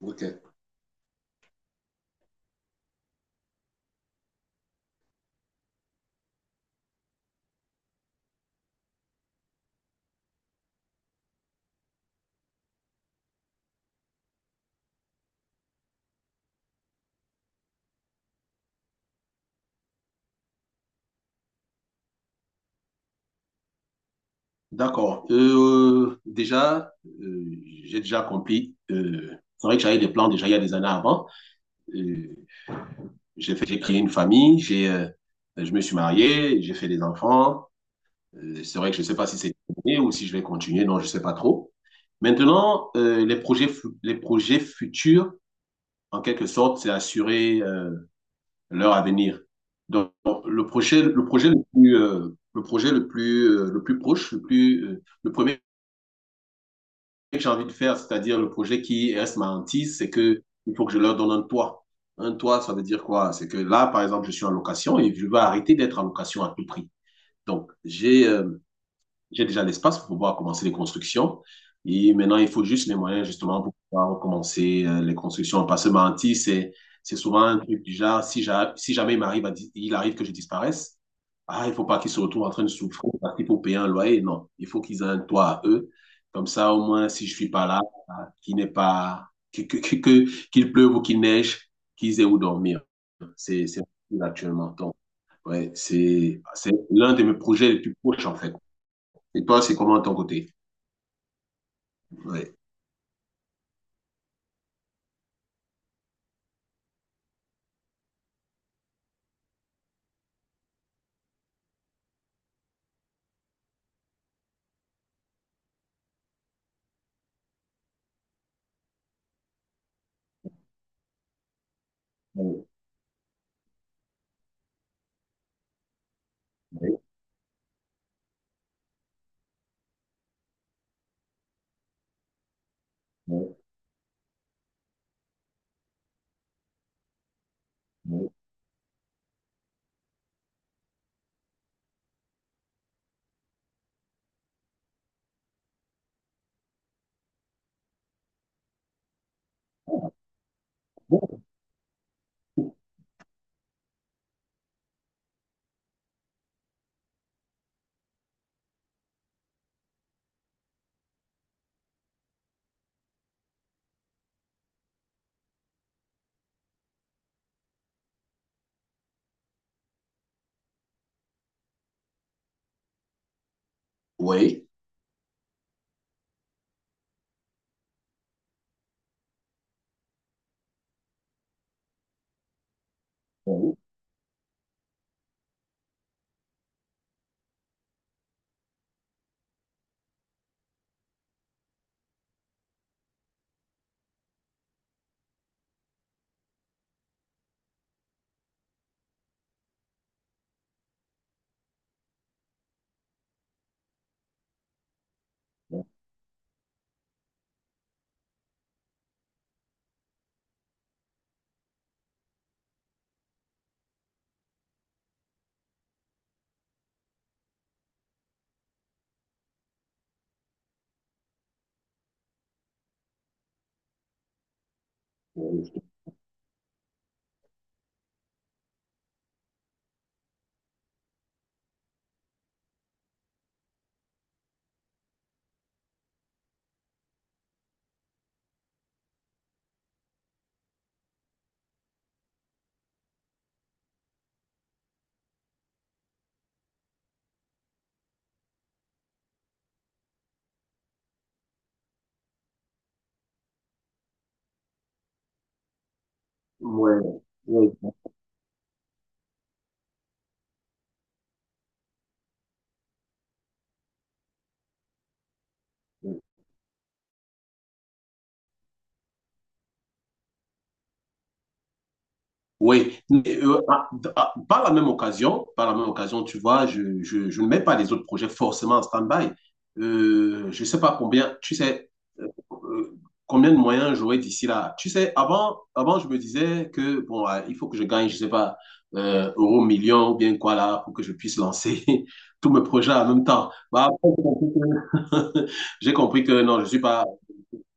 Ok, d'accord. Euh, j'ai déjà compris. C'est vrai que j'avais des plans déjà il y a des années avant. Euh, j'ai fait, j'ai créé une famille, je me suis marié, j'ai fait des enfants. C'est vrai que je ne sais pas si c'est terminé ou si je vais continuer, non, je ne sais pas trop. Maintenant, les projets, les projets futurs, en quelque sorte, c'est assurer leur avenir. Donc, le projet, le projet le plus, le projet le plus proche, le premier que j'ai envie de faire, c'est-à-dire le projet qui reste ma hantise, c'est que il faut que je leur donne un toit. Un toit, ça veut dire quoi? C'est que là, par exemple, je suis en location et je veux arrêter d'être en location à tout prix. Donc, j'ai déjà l'espace pour pouvoir commencer les constructions. Et maintenant, il faut juste les moyens justement pour pouvoir commencer les constructions. Parce que pas mentir, c'est souvent un truc du genre, si, si jamais il m'arrive à il arrive que je disparaisse, ah, il faut pas qu'ils se retrouvent en train de souffrir parce qu'il faut payer un loyer. Non, il faut qu'ils aient un toit à eux. Comme ça, au moins, si je suis pas là, ah, qu'il n'est pas, qu'il pleuve ou qu'il neige, qu'ils aient où dormir. C'est actuellement. Donc, ouais, c'est l'un de mes projets les plus proches, en fait. Et toi, c'est comment de ton côté? Ouais. Oui, oui, oui, oui. Bon, oui. Oui, oui, oui. Ouais. Oui, oui. Oui, mais, par la même occasion, tu vois, je ne mets pas les autres projets forcément en stand-by. Je ne sais pas combien, tu sais, euh, euh, combien de moyens j'aurai d'ici là. Tu sais, avant, je me disais que, bon, il faut que je gagne, je ne sais pas, euro, million ou bien quoi là, pour que je puisse lancer tous mes projets en même temps. Bah, après, j'ai compris que j'ai compris que non, je ne suis pas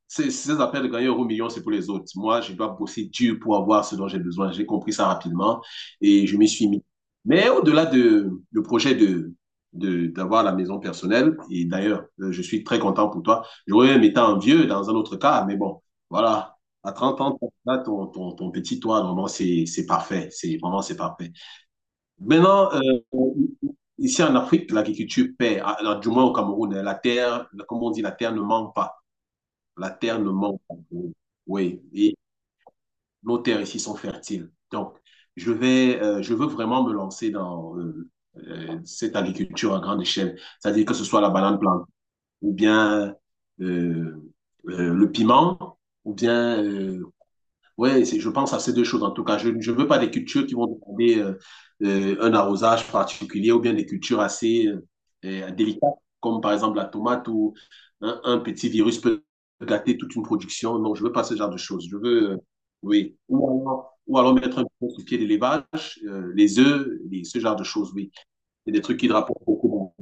c'est c'est ça s'appelle gagner euro million, c'est pour les autres. Moi, je dois bosser dur pour avoir ce dont j'ai besoin. J'ai compris ça rapidement et je m'y suis mis. Mais au-delà de le projet d'avoir la maison personnelle, et d'ailleurs, je suis très content pour toi. J'aurais même été envieux dans un autre cas, mais bon, voilà. À 30 ans, là, ton petit toit, vraiment, c'est parfait. C'est vraiment, c'est parfait. Maintenant, ici en Afrique, l'agriculture paie. Ah, alors, du moins au Cameroun, hein, la terre, comme on dit, la terre ne manque pas. La terre ne manque pas d'eau. Oui, et nos terres ici sont fertiles. Donc, je veux vraiment me lancer dans cette agriculture à grande échelle. C'est-à-dire que ce soit la banane plante, ou bien euh, le piment, ou bien oui, je pense à ces deux choses en tout cas. Je veux pas des cultures qui vont demander un arrosage particulier ou bien des cultures assez délicates, comme par exemple la tomate où un petit virus peut gâter toute une production. Non, je ne veux pas ce genre de choses. Oui, ou alors mettre un peu sur pied l'élevage, les œufs, ce genre de choses, oui. C'est des trucs qui rapportent beaucoup.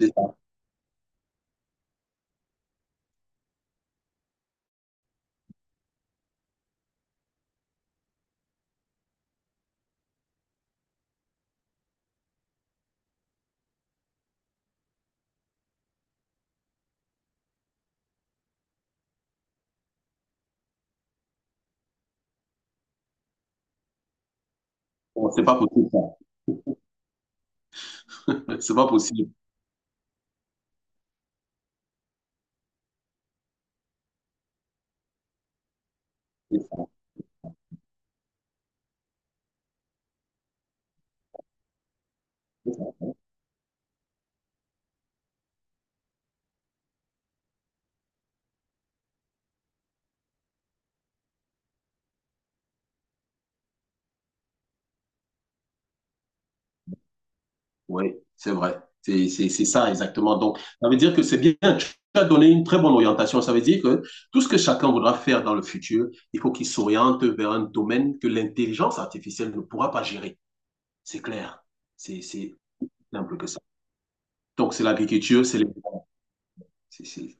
C'est ça. C'est pas possible, ça. C'est pas possible. Oui, c'est vrai. C'est ça exactement. Donc, ça veut dire que c'est bien. Tu as donné une très bonne orientation. Ça veut dire que tout ce que chacun voudra faire dans le futur, il faut qu'il s'oriente vers un domaine que l'intelligence artificielle ne pourra pas gérer. C'est clair. C'est simple que ça. Donc, c'est l'agriculture, c'est les... c'est- c'est-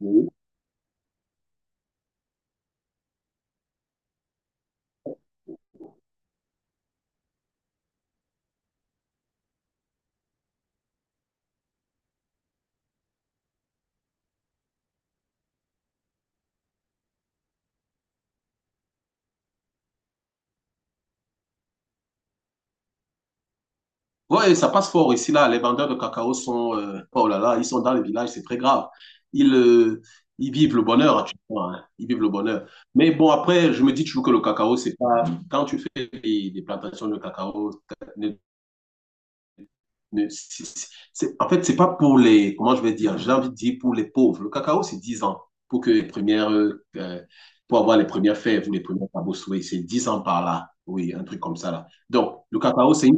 Oui. Ouais, ça passe fort ici, là. Les vendeurs de cacao sont, oh là là, ils sont dans les villages, c'est très grave. Ils, euh, ils vivent le bonheur, tu vois, hein. Ils vivent le bonheur. Mais bon, après, je me dis toujours que le cacao, c'est pas, quand tu fais des plantations de cacao, en fait, c'est pas pour les, comment je vais dire, j'ai envie de dire pour les pauvres. Le cacao, c'est 10 ans pour que les premières, pour avoir les premières fèves ou les premières cabossouées, c'est 10 ans par là. Oui, un truc comme ça, là. Donc, le cacao, c'est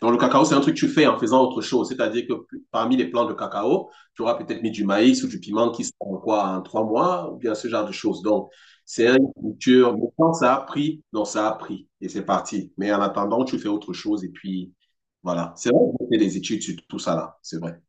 donc, le cacao, c'est un truc que tu fais en faisant autre chose. C'est-à-dire que parmi les plants de cacao, tu auras peut-être mis du maïs ou du piment qui sont quoi, en trois mois, ou bien ce genre de choses. Donc, c'est une culture. Mais quand ça a pris, non, ça a pris. Et c'est parti. Mais en attendant, tu fais autre chose. Et puis, voilà. C'est vrai, j'ai fait des études sur tout ça là. C'est vrai.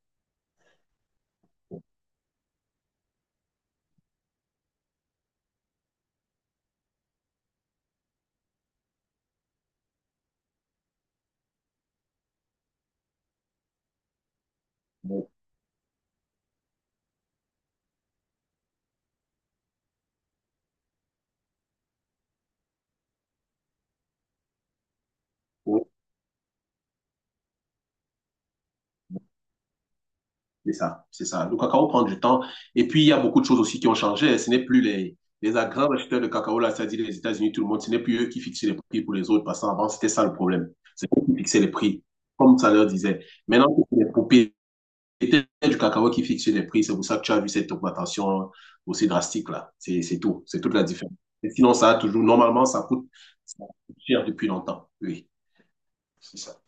C'est ça, c'est ça. Le cacao prend du temps. Et puis, il y a beaucoup de choses aussi qui ont changé. Ce n'est plus les grands acheteurs de cacao, là, c'est-à-dire les États-Unis, tout le monde, ce n'est plus eux qui fixaient les prix pour les autres. Parce qu'avant, c'était ça le problème. C'est eux qui fixaient les prix, comme ça leur disait. Maintenant, c'est les propriétaires du cacao qui fixent les prix. C'est pour ça que tu as vu cette augmentation aussi drastique, là. C'est tout. C'est toute la différence. Mais sinon, ça a toujours, normalement, ça coûte cher depuis longtemps. Oui, c'est ça.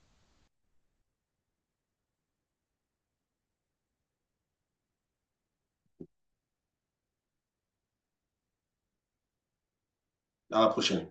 À la prochaine.